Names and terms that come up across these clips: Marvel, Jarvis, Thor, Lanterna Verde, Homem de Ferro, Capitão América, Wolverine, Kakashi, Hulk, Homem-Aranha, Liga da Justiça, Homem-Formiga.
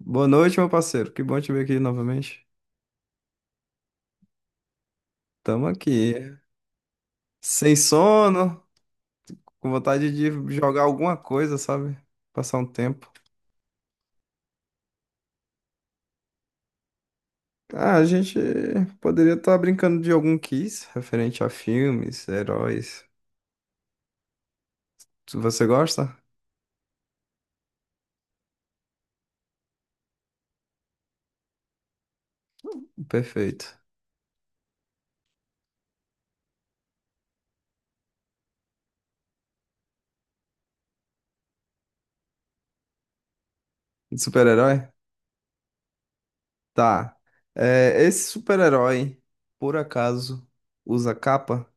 Boa noite, meu parceiro. Que bom te ver aqui novamente. Tamo aqui. Sem sono, com vontade de jogar alguma coisa, sabe? Passar um tempo. Ah, a gente poderia estar brincando de algum quiz referente a filmes, heróis. Se você gosta? Perfeito. De super-herói? Tá. É, esse super-herói, por acaso, usa capa?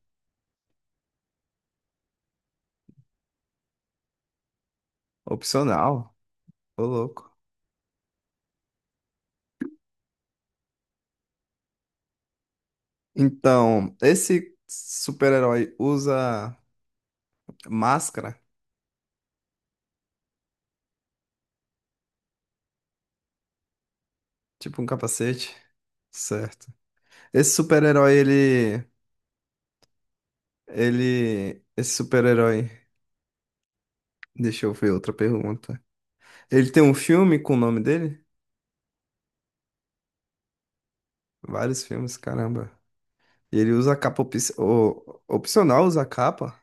Opcional. Ô, louco. Então, esse super-herói usa máscara? Tipo um capacete? Certo. Esse super-herói, ele. Ele. Esse super-herói. Deixa eu ver outra pergunta. Ele tem um filme com o nome dele? Vários filmes, caramba. E ele usa a capa op... opcional, usa a capa?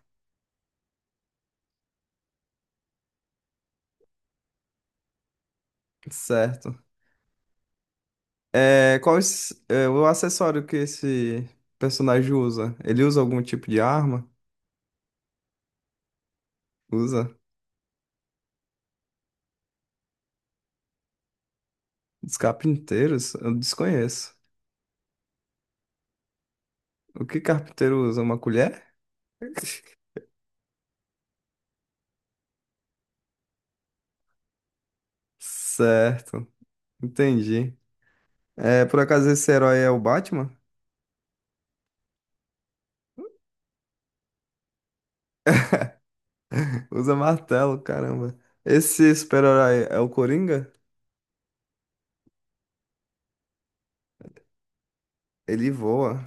Certo. É, é, o acessório que esse personagem usa? Ele usa algum tipo de arma? Usa? Os carpinteiros? Eu desconheço. O que carpinteiro usa? Uma colher? Certo. Entendi. É, por acaso esse herói é o Batman? Usa martelo, caramba. Esse super-herói é o Coringa? Ele voa.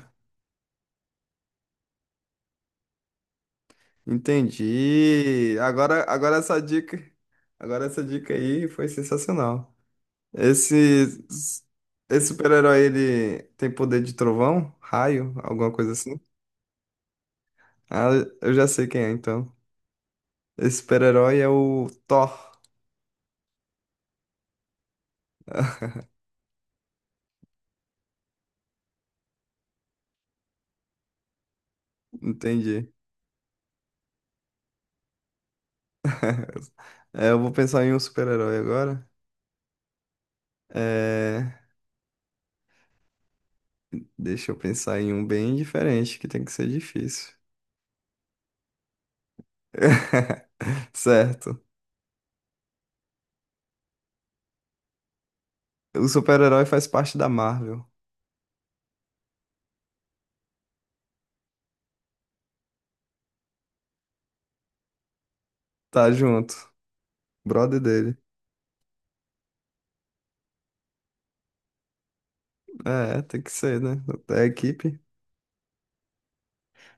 Entendi. Agora essa dica, agora essa dica aí foi sensacional. Esse, esse super-herói ele tem poder de trovão, raio, alguma coisa assim? Ah, eu já sei quem é então. Esse super-herói é o Thor. Entendi. É, eu vou pensar em um super-herói agora. É. Deixa eu pensar em um bem diferente, que tem que ser difícil. Certo. O super-herói faz parte da Marvel. Tá junto. Brother dele. É, tem que ser, né? Da equipe.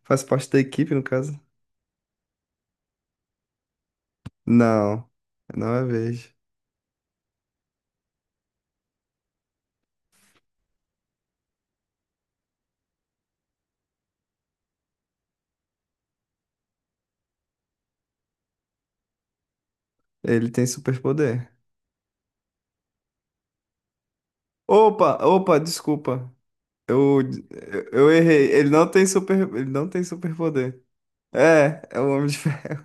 Faz parte da equipe, no caso. Não. Não é verde. Ele tem superpoder. Opa, opa, desculpa. Eu errei. Ele não tem super, ele não tem superpoder. É, é o Homem de Ferro.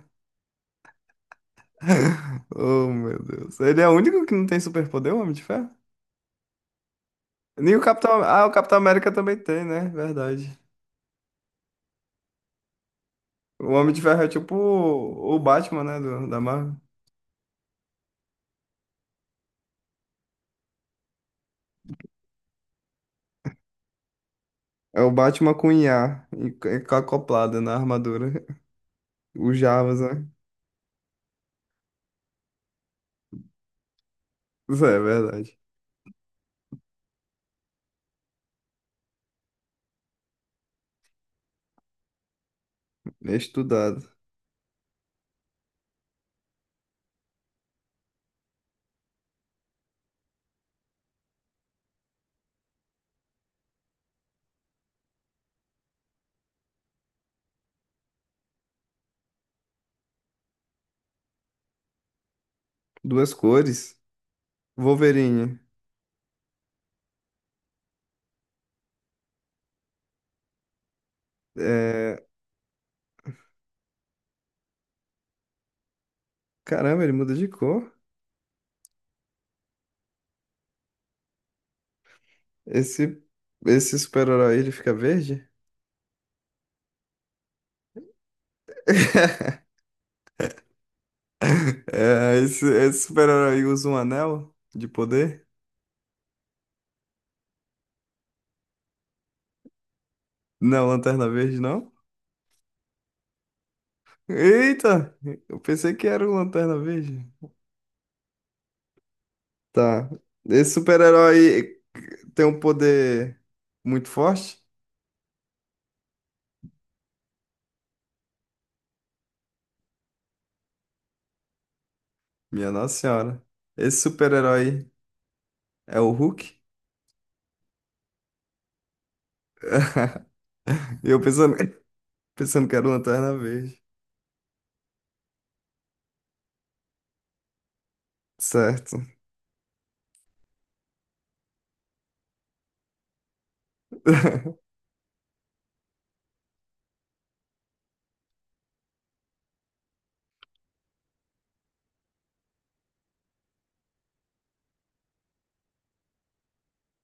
Oh, meu Deus. Ele é o único que não tem superpoder, o Homem de Ferro? Nem o Capitão. Ah, o Capitão América também tem, né? Verdade. O Homem de Ferro é tipo o Batman, né? Do, da Marvel. É o Batman com IA, e com acoplada na armadura. O Jarvis, né? Isso é verdade. É estudado. Duas cores. Wolverine. É... Caramba, ele muda de cor. Esse, esse super-herói, ele fica verde? É, esse super-herói usa um anel de poder? Não, Lanterna Verde, não? Eita! Eu pensei que era o Lanterna Verde. Tá. Esse super-herói tem um poder muito forte? Minha Nossa Senhora. Esse super-herói é o Hulk? E eu pensando, pensando que era o Lanterna Verde. Certo.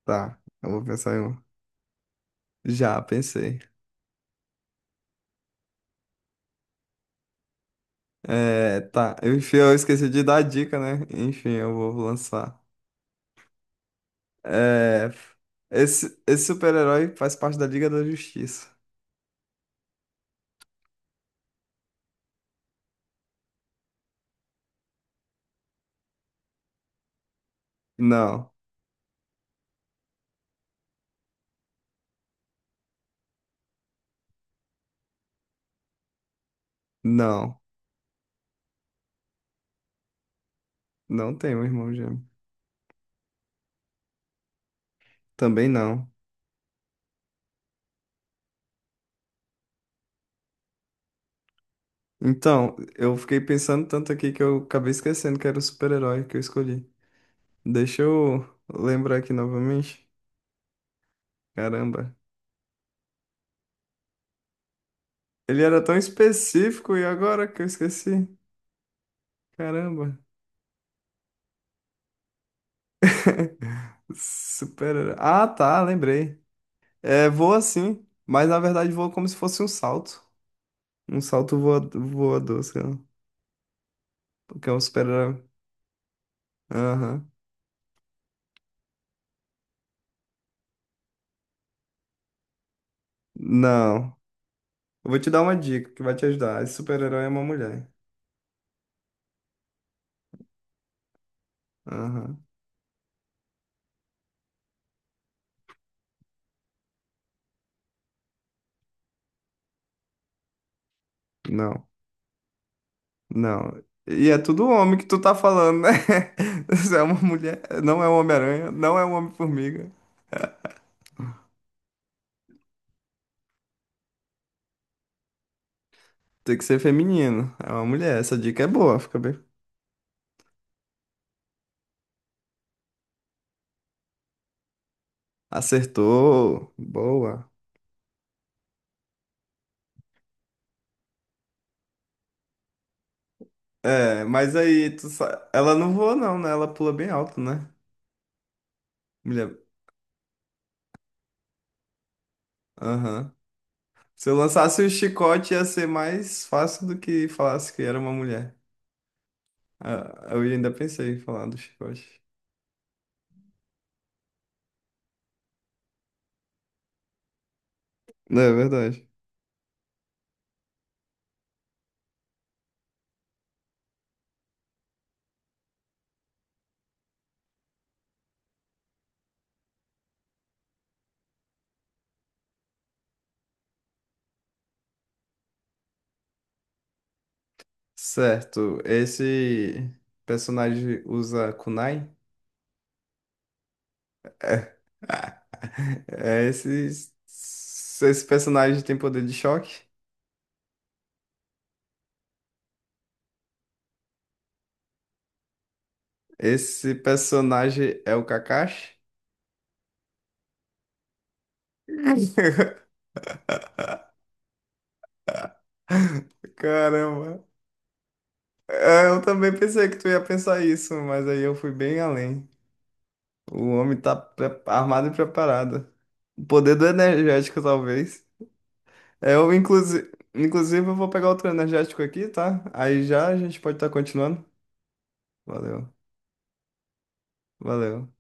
Tá. Eu vou pensar em um. Já, pensei. É, tá. Enfim, eu esqueci de dar a dica, né? Enfim, eu vou lançar. É, esse super-herói faz parte da Liga da Justiça. Não, não. Não tenho irmão gêmeo. Também não. Então, eu fiquei pensando tanto aqui que eu acabei esquecendo que era o super-herói que eu escolhi. Deixa eu lembrar aqui novamente. Caramba. Ele era tão específico e agora que eu esqueci. Caramba. Super-herói. Ah, tá, lembrei. É, voa sim, mas na verdade voa como se fosse um salto. Um salto voador, sei lá. Porque é um super-herói. Aham. Não. Eu vou te dar uma dica que vai te ajudar. Esse super-herói é uma mulher. Aham. Não, não. E é tudo homem que tu tá falando, né? Você é uma mulher, não é um Homem-Aranha, não é um Homem-Formiga. Tem que ser feminino, é uma mulher. Essa dica é boa, fica bem. Acertou, boa. É, mas aí, ela não voa não, né? Ela pula bem alto, né? Mulher, aham. Se eu lançasse o chicote, ia ser mais fácil do que falasse que era uma mulher. Ah, eu ainda pensei em falar do chicote. Não, é verdade. Certo, esse personagem usa kunai? É. É, esse personagem tem poder de choque? Esse personagem é o Kakashi? Caramba, é, eu também pensei que tu ia pensar isso, mas aí eu fui bem além. O homem tá armado e preparado. O poder do energético, talvez. É, eu, inclusive, eu vou pegar outro energético aqui, tá? Aí já a gente pode estar continuando. Valeu, valeu.